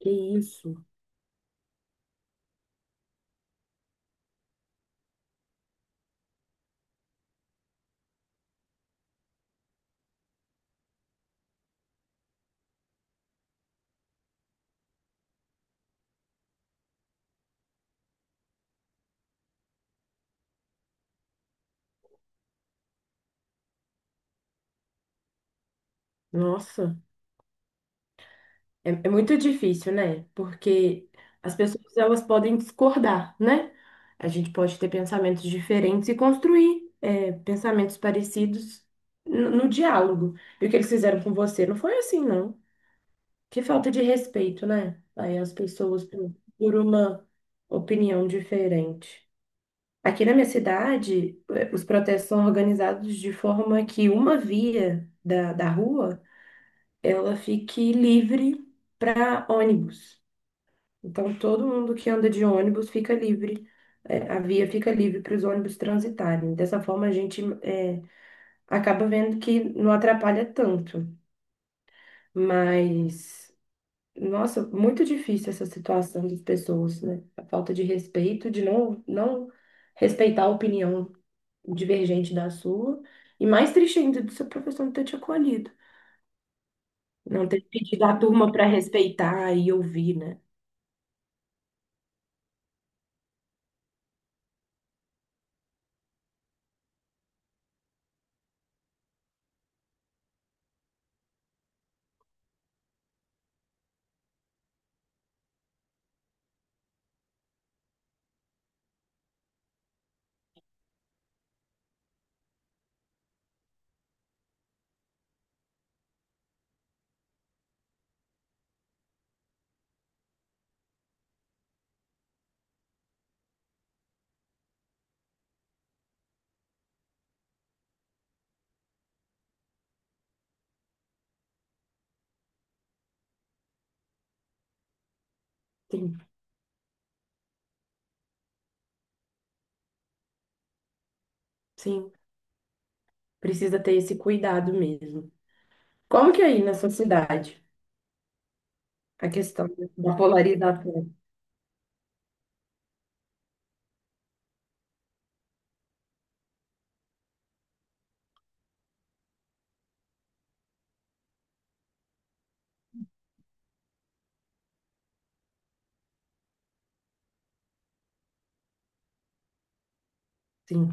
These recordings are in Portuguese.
Que isso? Nossa, é muito difícil, né? Porque as pessoas elas podem discordar, né? A gente pode ter pensamentos diferentes e construir pensamentos parecidos no diálogo. E o que eles fizeram com você não foi assim, não. Que falta de respeito, né? Aí as pessoas por uma opinião diferente. Aqui na minha cidade, os protestos são organizados de forma que uma via da rua ela fique livre para ônibus. Então, todo mundo que anda de ônibus fica livre, a via fica livre para os ônibus transitarem. Dessa forma, acaba vendo que não atrapalha tanto. Mas, nossa, muito difícil essa situação das pessoas, né? A falta de respeito, de não respeitar a opinião divergente da sua. E mais triste ainda do seu professor não ter te acolhido. Não ter pedido à turma para respeitar e ouvir, né? Sim, precisa ter esse cuidado mesmo. Como que é aí na sua cidade a questão da polarização? Sim,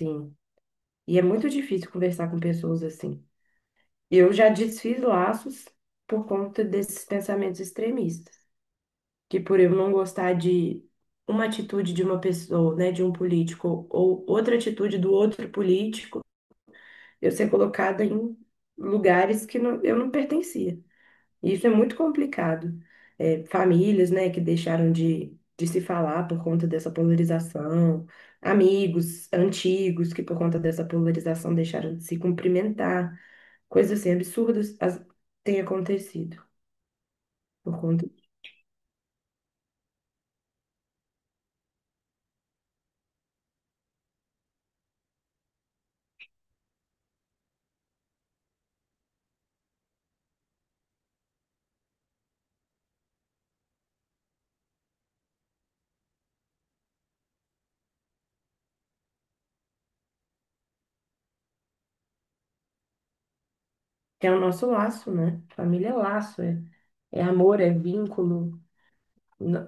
sim. E é muito difícil conversar com pessoas assim. Eu já desfiz laços por conta desses pensamentos extremistas, que por eu não gostar de uma atitude de uma pessoa, né, de um político ou outra atitude do outro político, eu ser colocada em lugares que não- eu não pertencia. E isso é muito complicado. É, famílias, né, que deixaram de se falar por conta dessa polarização, amigos antigos que por conta dessa polarização deixaram de se cumprimentar, coisas assim têm acontecido por conta que é o nosso laço, né? Família é laço, é amor, é vínculo. Não,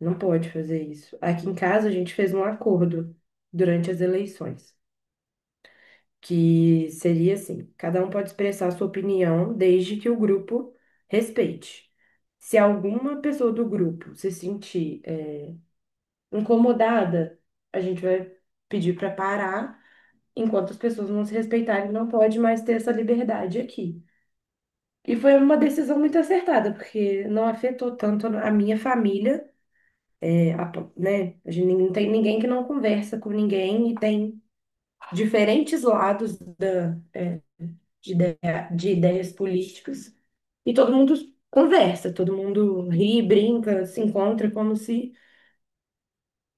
não pode fazer isso. Aqui em casa a gente fez um acordo durante as eleições, que seria assim: cada um pode expressar sua opinião desde que o grupo respeite. Se alguma pessoa do grupo se sentir incomodada, a gente vai pedir para parar. Enquanto as pessoas não se respeitarem, não pode mais ter essa liberdade aqui. E foi uma decisão muito acertada, porque não afetou tanto a minha família, né? A gente não tem ninguém que não conversa com ninguém e tem diferentes lados de ideias políticas, e todo mundo conversa, todo mundo ri, brinca, se encontra como se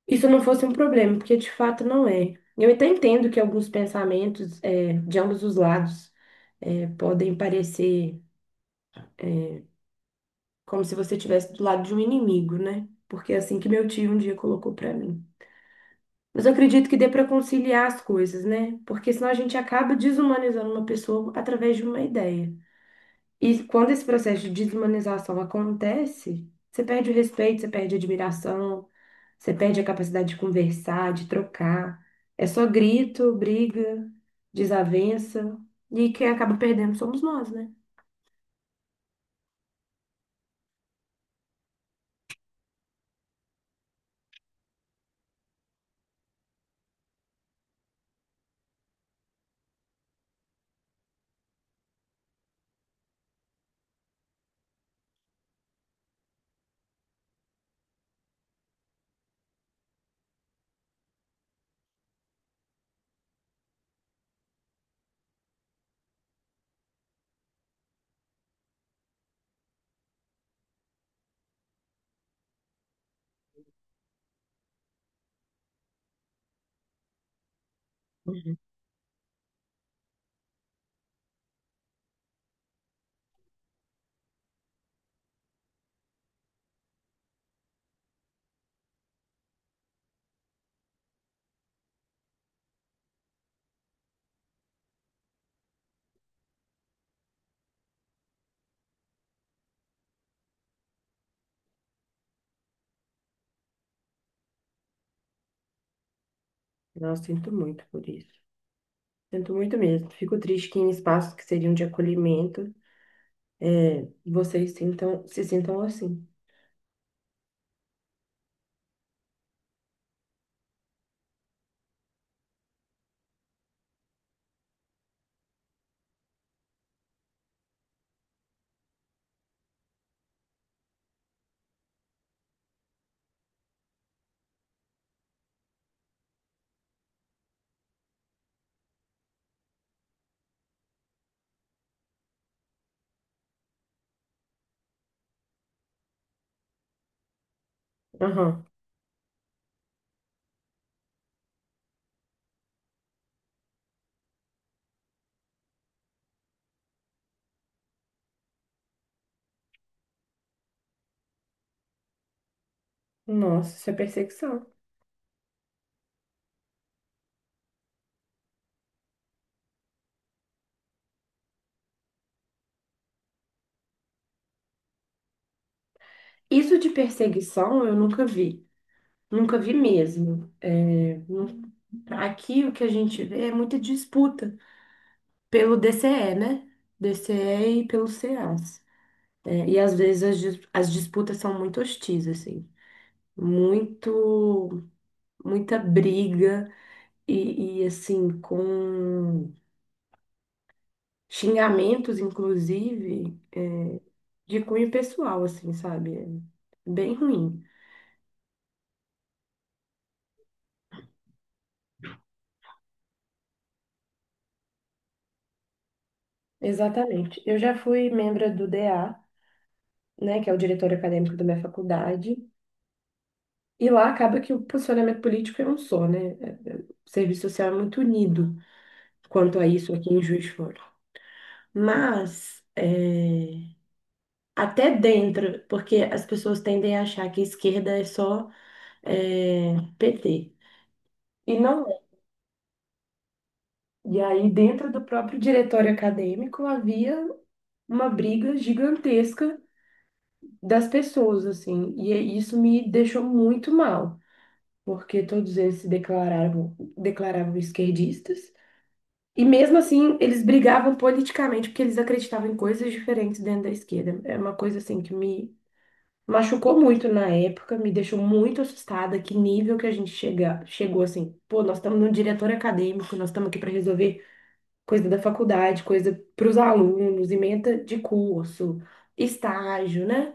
isso não fosse um problema, porque de fato não é. Eu até entendo que alguns pensamentos de ambos os lados podem parecer como se você estivesse do lado de um inimigo, né? Porque é assim que meu tio um dia colocou para mim. Mas eu acredito que dê para conciliar as coisas, né? Porque senão a gente acaba desumanizando uma pessoa através de uma ideia. E quando esse processo de desumanização acontece, você perde o respeito, você perde a admiração, você perde a capacidade de conversar, de trocar. É só grito, briga, desavença. E quem acaba perdendo somos nós, né? Uhum. Nossa, sinto muito por isso. Sinto muito mesmo. Fico triste que em espaços que seriam de acolhimento, vocês se sintam assim. Aham. Nossa, isso é perseguição. Isso de perseguição eu nunca vi. Nunca vi mesmo. Aqui o que a gente vê é muita disputa pelo DCE, né? DCE e pelos CAs. É, e às vezes as disputas são muito hostis, assim. Muito, muita briga assim, com xingamentos, inclusive, de cunho pessoal, assim, sabe? É bem ruim. Exatamente. Eu já fui membro do DA, né, que é o diretor acadêmico da minha faculdade. E lá acaba que o posicionamento político é um só, né? O serviço social é muito unido quanto a isso aqui em Juiz de Fora. Mas, até dentro, porque as pessoas tendem a achar que esquerda é só PT. E não é. E aí, dentro do próprio diretório acadêmico, havia uma briga gigantesca das pessoas, assim. E isso me deixou muito mal, porque todos eles se declaravam, declaravam esquerdistas. E mesmo assim, eles brigavam politicamente porque eles acreditavam em coisas diferentes dentro da esquerda. É uma coisa assim que me machucou muito na época, me deixou muito assustada, que nível que a gente chegou assim. Pô, nós estamos num diretório acadêmico, nós estamos aqui para resolver coisa da faculdade, coisa para os alunos, ementa de curso, estágio, né?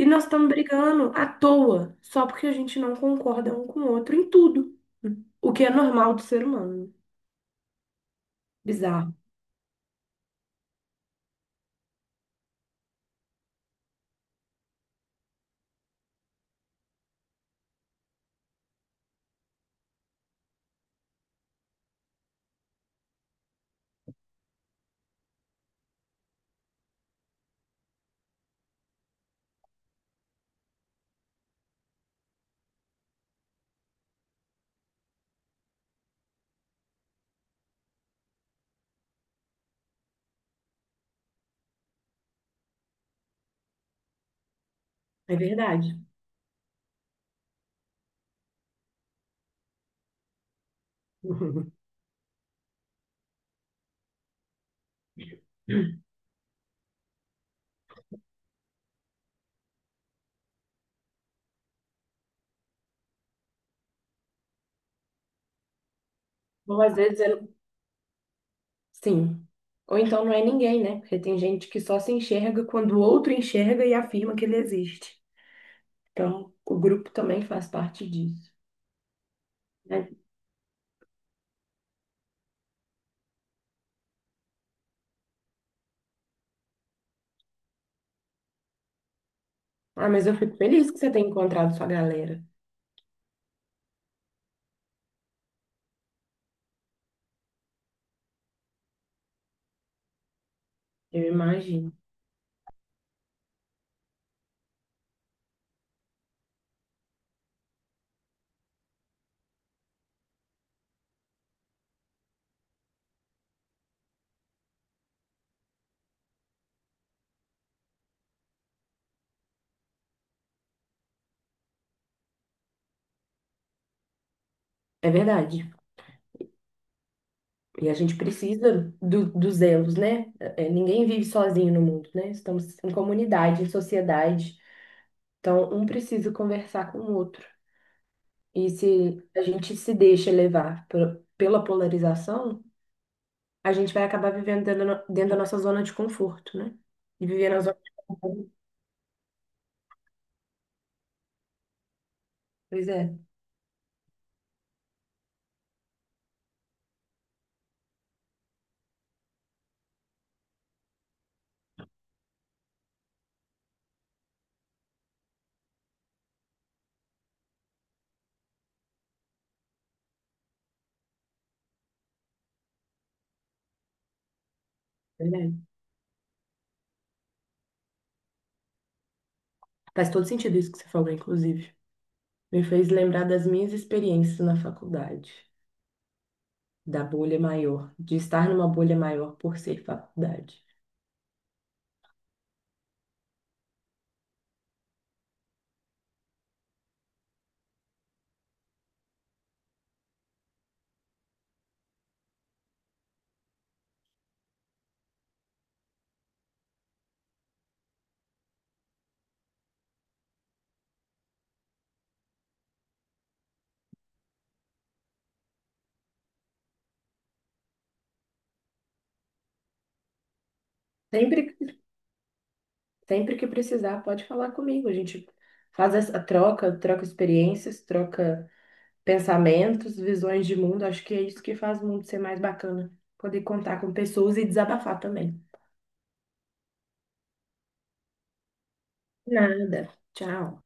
E nós estamos brigando à toa, só porque a gente não concorda um com o outro em tudo, o que é normal do ser humano. Bizarro, é verdade. Bom, às vezes é... Sim. Ou então não é ninguém, né? Porque tem gente que só se enxerga quando o outro enxerga e afirma que ele existe. Então, o grupo também faz parte disso, né? Ah, mas eu fico feliz que você tenha encontrado sua galera. Eu imagino. É verdade. E a gente precisa dos elos, né? É, ninguém vive sozinho no mundo, né? Estamos em comunidade, em sociedade. Então, um precisa conversar com o outro. E se a gente se deixa levar pela polarização, a gente vai acabar vivendo dentro da, no- dentro da nossa zona de conforto, né? E viver na zona de conforto. Pois é, verdade. Faz todo sentido isso que você falou, inclusive. Me fez lembrar das minhas experiências na faculdade, da bolha maior, de estar numa bolha maior por ser faculdade. Sempre, sempre que precisar, pode falar comigo. A gente faz essa troca, troca experiências, troca pensamentos, visões de mundo. Acho que é isso que faz o mundo ser mais bacana. Poder contar com pessoas e desabafar também. Nada. Tchau.